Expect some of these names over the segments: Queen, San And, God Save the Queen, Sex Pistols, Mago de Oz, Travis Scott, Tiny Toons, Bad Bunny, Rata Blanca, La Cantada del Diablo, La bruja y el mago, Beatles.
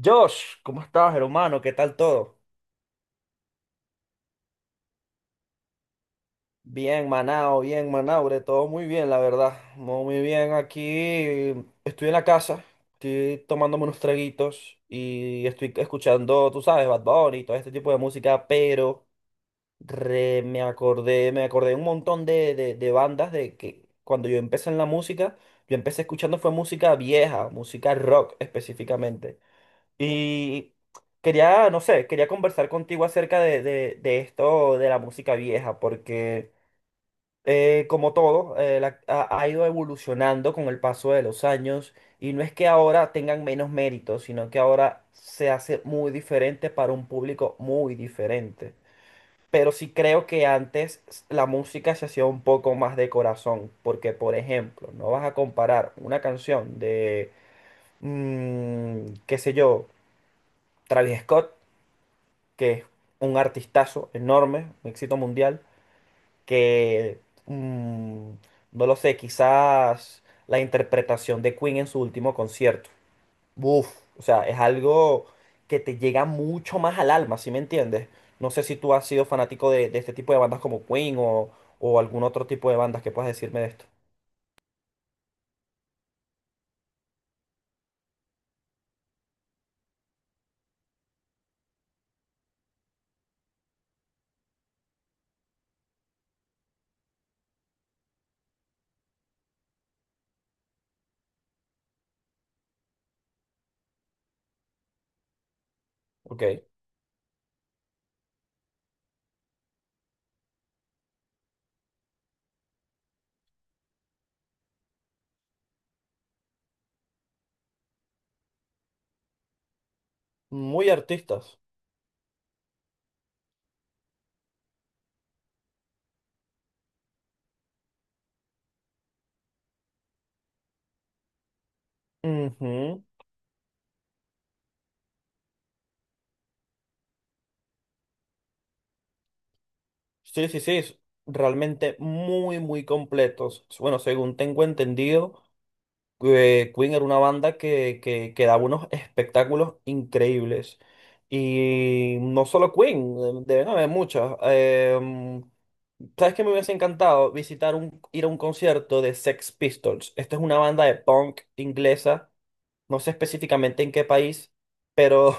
Josh, ¿cómo estás, hermano? ¿Qué tal todo? Bien, Manao, bien, Manaure, todo muy bien, la verdad. Muy muy bien, aquí estoy en la casa, estoy tomándome unos traguitos y estoy escuchando, tú sabes, Bad Bunny y todo este tipo de música, pero me acordé de un montón de bandas de que cuando yo empecé en la música, yo empecé escuchando fue música vieja, música rock específicamente. Y quería, no sé, quería conversar contigo acerca de esto de la música vieja, porque como todo, ha ido evolucionando con el paso de los años y no es que ahora tengan menos méritos, sino que ahora se hace muy diferente para un público muy diferente. Pero sí creo que antes la música se hacía un poco más de corazón, porque por ejemplo, no vas a comparar una canción de, qué sé yo, Travis Scott que es un artistazo enorme, un éxito mundial, que, mm, no lo sé, quizás la interpretación de Queen en su último concierto. Uf, o sea, es algo que te llega mucho más al alma, ¿sí me entiendes? No sé si tú has sido fanático de este tipo de bandas como Queen o algún otro tipo de bandas que puedas decirme de esto. Ok. Muy artistas. Ujú. Sí, sí, sí. es Realmente muy, muy completos. Bueno, según tengo entendido, que Queen era una banda que daba unos espectáculos increíbles. Y no solo Queen, deben haber muchas. ¿Sabes qué me hubiese encantado? Ir a un concierto de Sex Pistols. Esta es una banda de punk inglesa, no sé específicamente en qué país, pero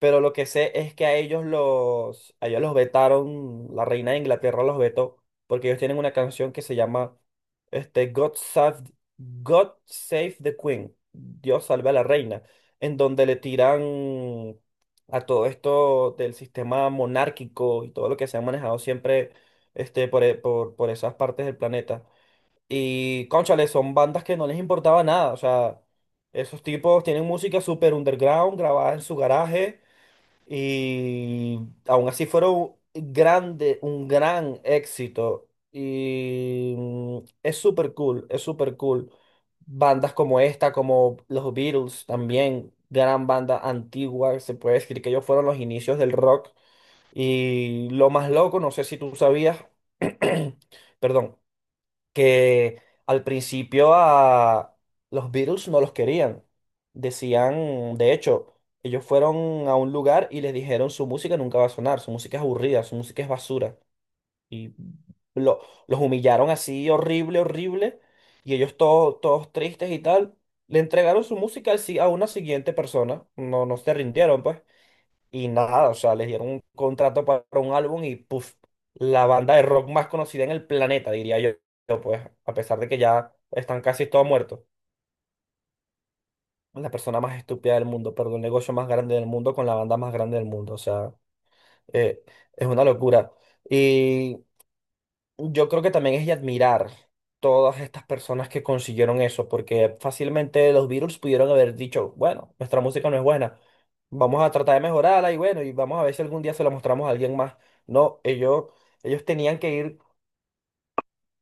lo que sé es que a ellos los vetaron, la reina de Inglaterra los vetó, porque ellos tienen una canción que se llama este, God Save, God Save the Queen, Dios salve a la reina, en donde le tiran a todo esto del sistema monárquico y todo lo que se ha manejado siempre por esas partes del planeta. Y, cónchale, son bandas que no les importaba nada, o sea, esos tipos tienen música super underground, grabada en su garaje y aún así fueron grande, un gran éxito. Y es súper cool, es súper cool. Bandas como esta, como los Beatles también, gran banda antigua, se puede decir que ellos fueron los inicios del rock. Y lo más loco, no sé si tú sabías, perdón, que al principio a los Beatles no los querían. Decían, de hecho, ellos fueron a un lugar y les dijeron su música nunca va a sonar, su música es aburrida, su música es basura. Y lo- los humillaron así horrible, horrible, y ellos todos, todos tristes y tal. Le entregaron su música al si- a una siguiente persona, no, no se rindieron, pues. Y nada, o sea, les dieron un contrato para un álbum y puff, la banda de rock más conocida en el planeta, diría yo, pues, a pesar de que ya están casi todos muertos. La persona más estúpida del mundo, perdón, el negocio más grande del mundo con la banda más grande del mundo, o sea, eh, es una locura. Y yo creo que también es de admirar todas estas personas que consiguieron eso, porque fácilmente los Beatles pudieron haber dicho, bueno, nuestra música no es buena, vamos a tratar de mejorarla y bueno, y vamos a ver si algún día se la mostramos a alguien más. No, ellos tenían que ir,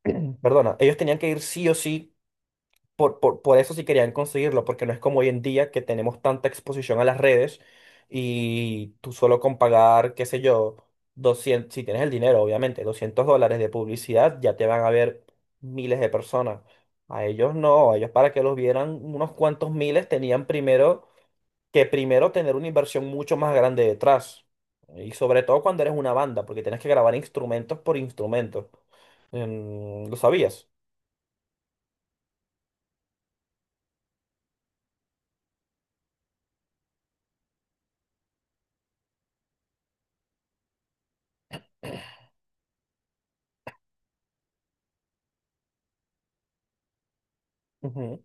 perdona, ellos tenían que ir sí o sí por eso sí querían conseguirlo, porque no es como hoy en día que tenemos tanta exposición a las redes y tú solo con pagar, qué sé yo, 200 si tienes el dinero, obviamente, $200 de publicidad, ya te van a ver miles de personas. A ellos no, a ellos para que los vieran unos cuantos miles tenían primero que primero tener una inversión mucho más grande detrás. Y sobre todo cuando eres una banda, porque tienes que grabar instrumentos por instrumentos. ¿Lo sabías? Ujú.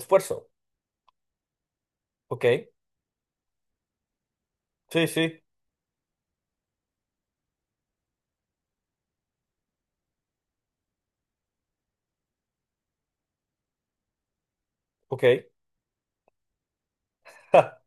Esfuerzo, ¿ok? Sí, sí, ok. Ja,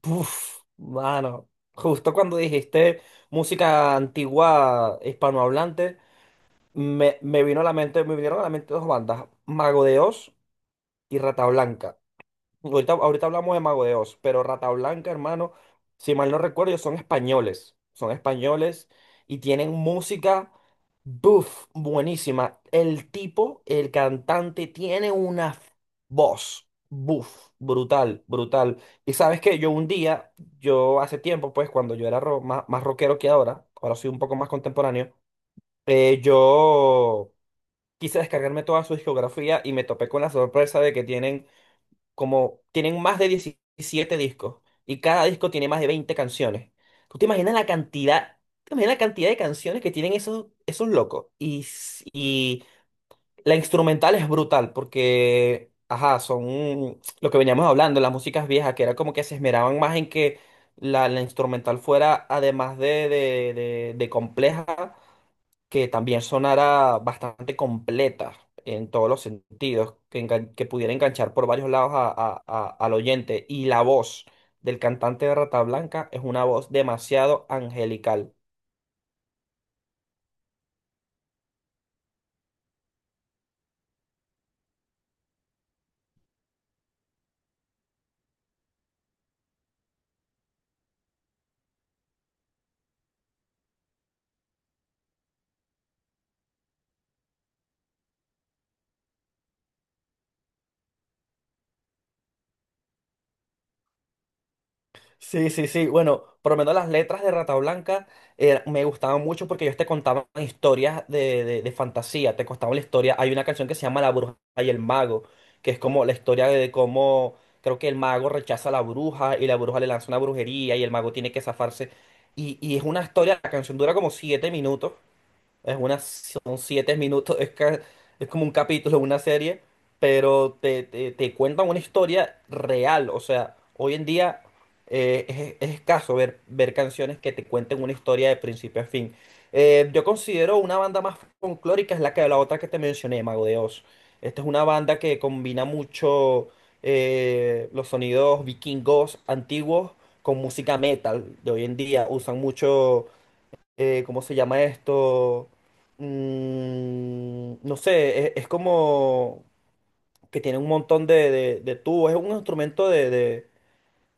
puf, mano, justo cuando dijiste música antigua hispanohablante, me vinieron a la mente dos bandas, Mago de Oz y Rata Blanca. Ahorita hablamos de Mago de Oz, pero Rata Blanca, hermano, si mal no recuerdo, ellos son españoles. Son españoles y tienen música, buf, buenísima. El tipo, el cantante, tiene una voz, buf, brutal, brutal. Y sabes que yo un día, yo hace tiempo, pues cuando yo era más rockero que ahora, soy un poco más contemporáneo, yo quise descargarme toda su discografía y me topé con la sorpresa de que tienen como tienen más de 17 discos y cada disco tiene más de 20 canciones. ¿Tú te imaginas la cantidad, te imaginas la cantidad de canciones que tienen esos, esos locos? Y, y la instrumental es brutal porque, ajá, son lo que veníamos hablando, las músicas viejas, que era como que se esmeraban más en que la instrumental fuera, además de compleja, que también sonara bastante completa en todos los sentidos, que pudiera enganchar por varios lados al oyente. Y la voz del cantante de Rata Blanca es una voz demasiado angelical. Sí, sí, sí. Bueno, por lo menos las letras de Rata Blanca me gustaban mucho porque ellos te contaban historias de fantasía, te contaban la historia. Hay una canción que se llama La bruja y el mago, que es como la historia de cómo creo que el mago rechaza a la bruja y la bruja le lanza una brujería y el mago tiene que zafarse. Y es una historia, la canción dura como 7 minutos, son 7 minutos, es como un capítulo de una serie, pero te cuentan una historia real. O sea, hoy en día eh, es escaso ver canciones que te cuenten una historia de principio a fin. Yo considero una banda más folclórica es la que la otra que te mencioné, Mago de Oz. Esta es una banda que combina mucho los sonidos vikingos antiguos con música metal de hoy en día. Usan mucho ¿cómo se llama esto? No sé, es como que tiene un montón de tubos, es un instrumento de, de,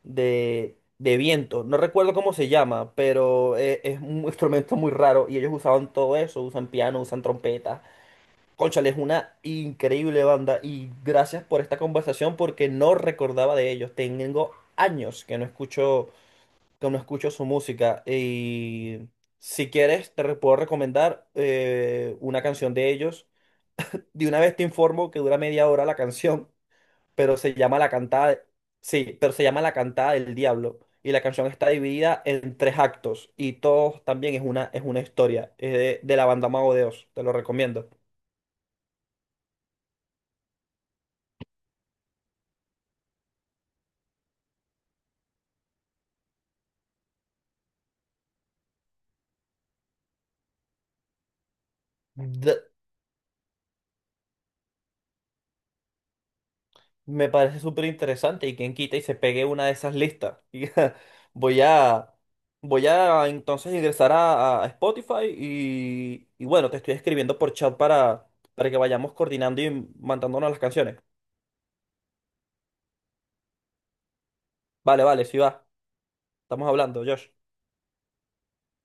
de, de viento, no recuerdo cómo se llama, pero es, un instrumento muy raro y ellos usaban todo eso, usan piano, usan trompetas. Cónchale, es una increíble banda y gracias por esta conversación porque no recordaba de ellos, tengo años que no escucho su música. Y si quieres, puedo recomendar una canción de ellos. De una vez te informo que dura media hora la canción, pero se llama La Cantada. Sí, pero se llama La Cantada del Diablo. Y la canción está dividida en tres actos. Y todos también es una historia. Es de la banda Mago de Oz. Te lo recomiendo. Me parece súper interesante y quien quita y se pegue una de esas listas. Y ja, voy a, voy a entonces ingresar a Spotify y bueno, te estoy escribiendo por chat para que vayamos coordinando y mandándonos las canciones. Vale, vale, sí va. Estamos hablando, Josh.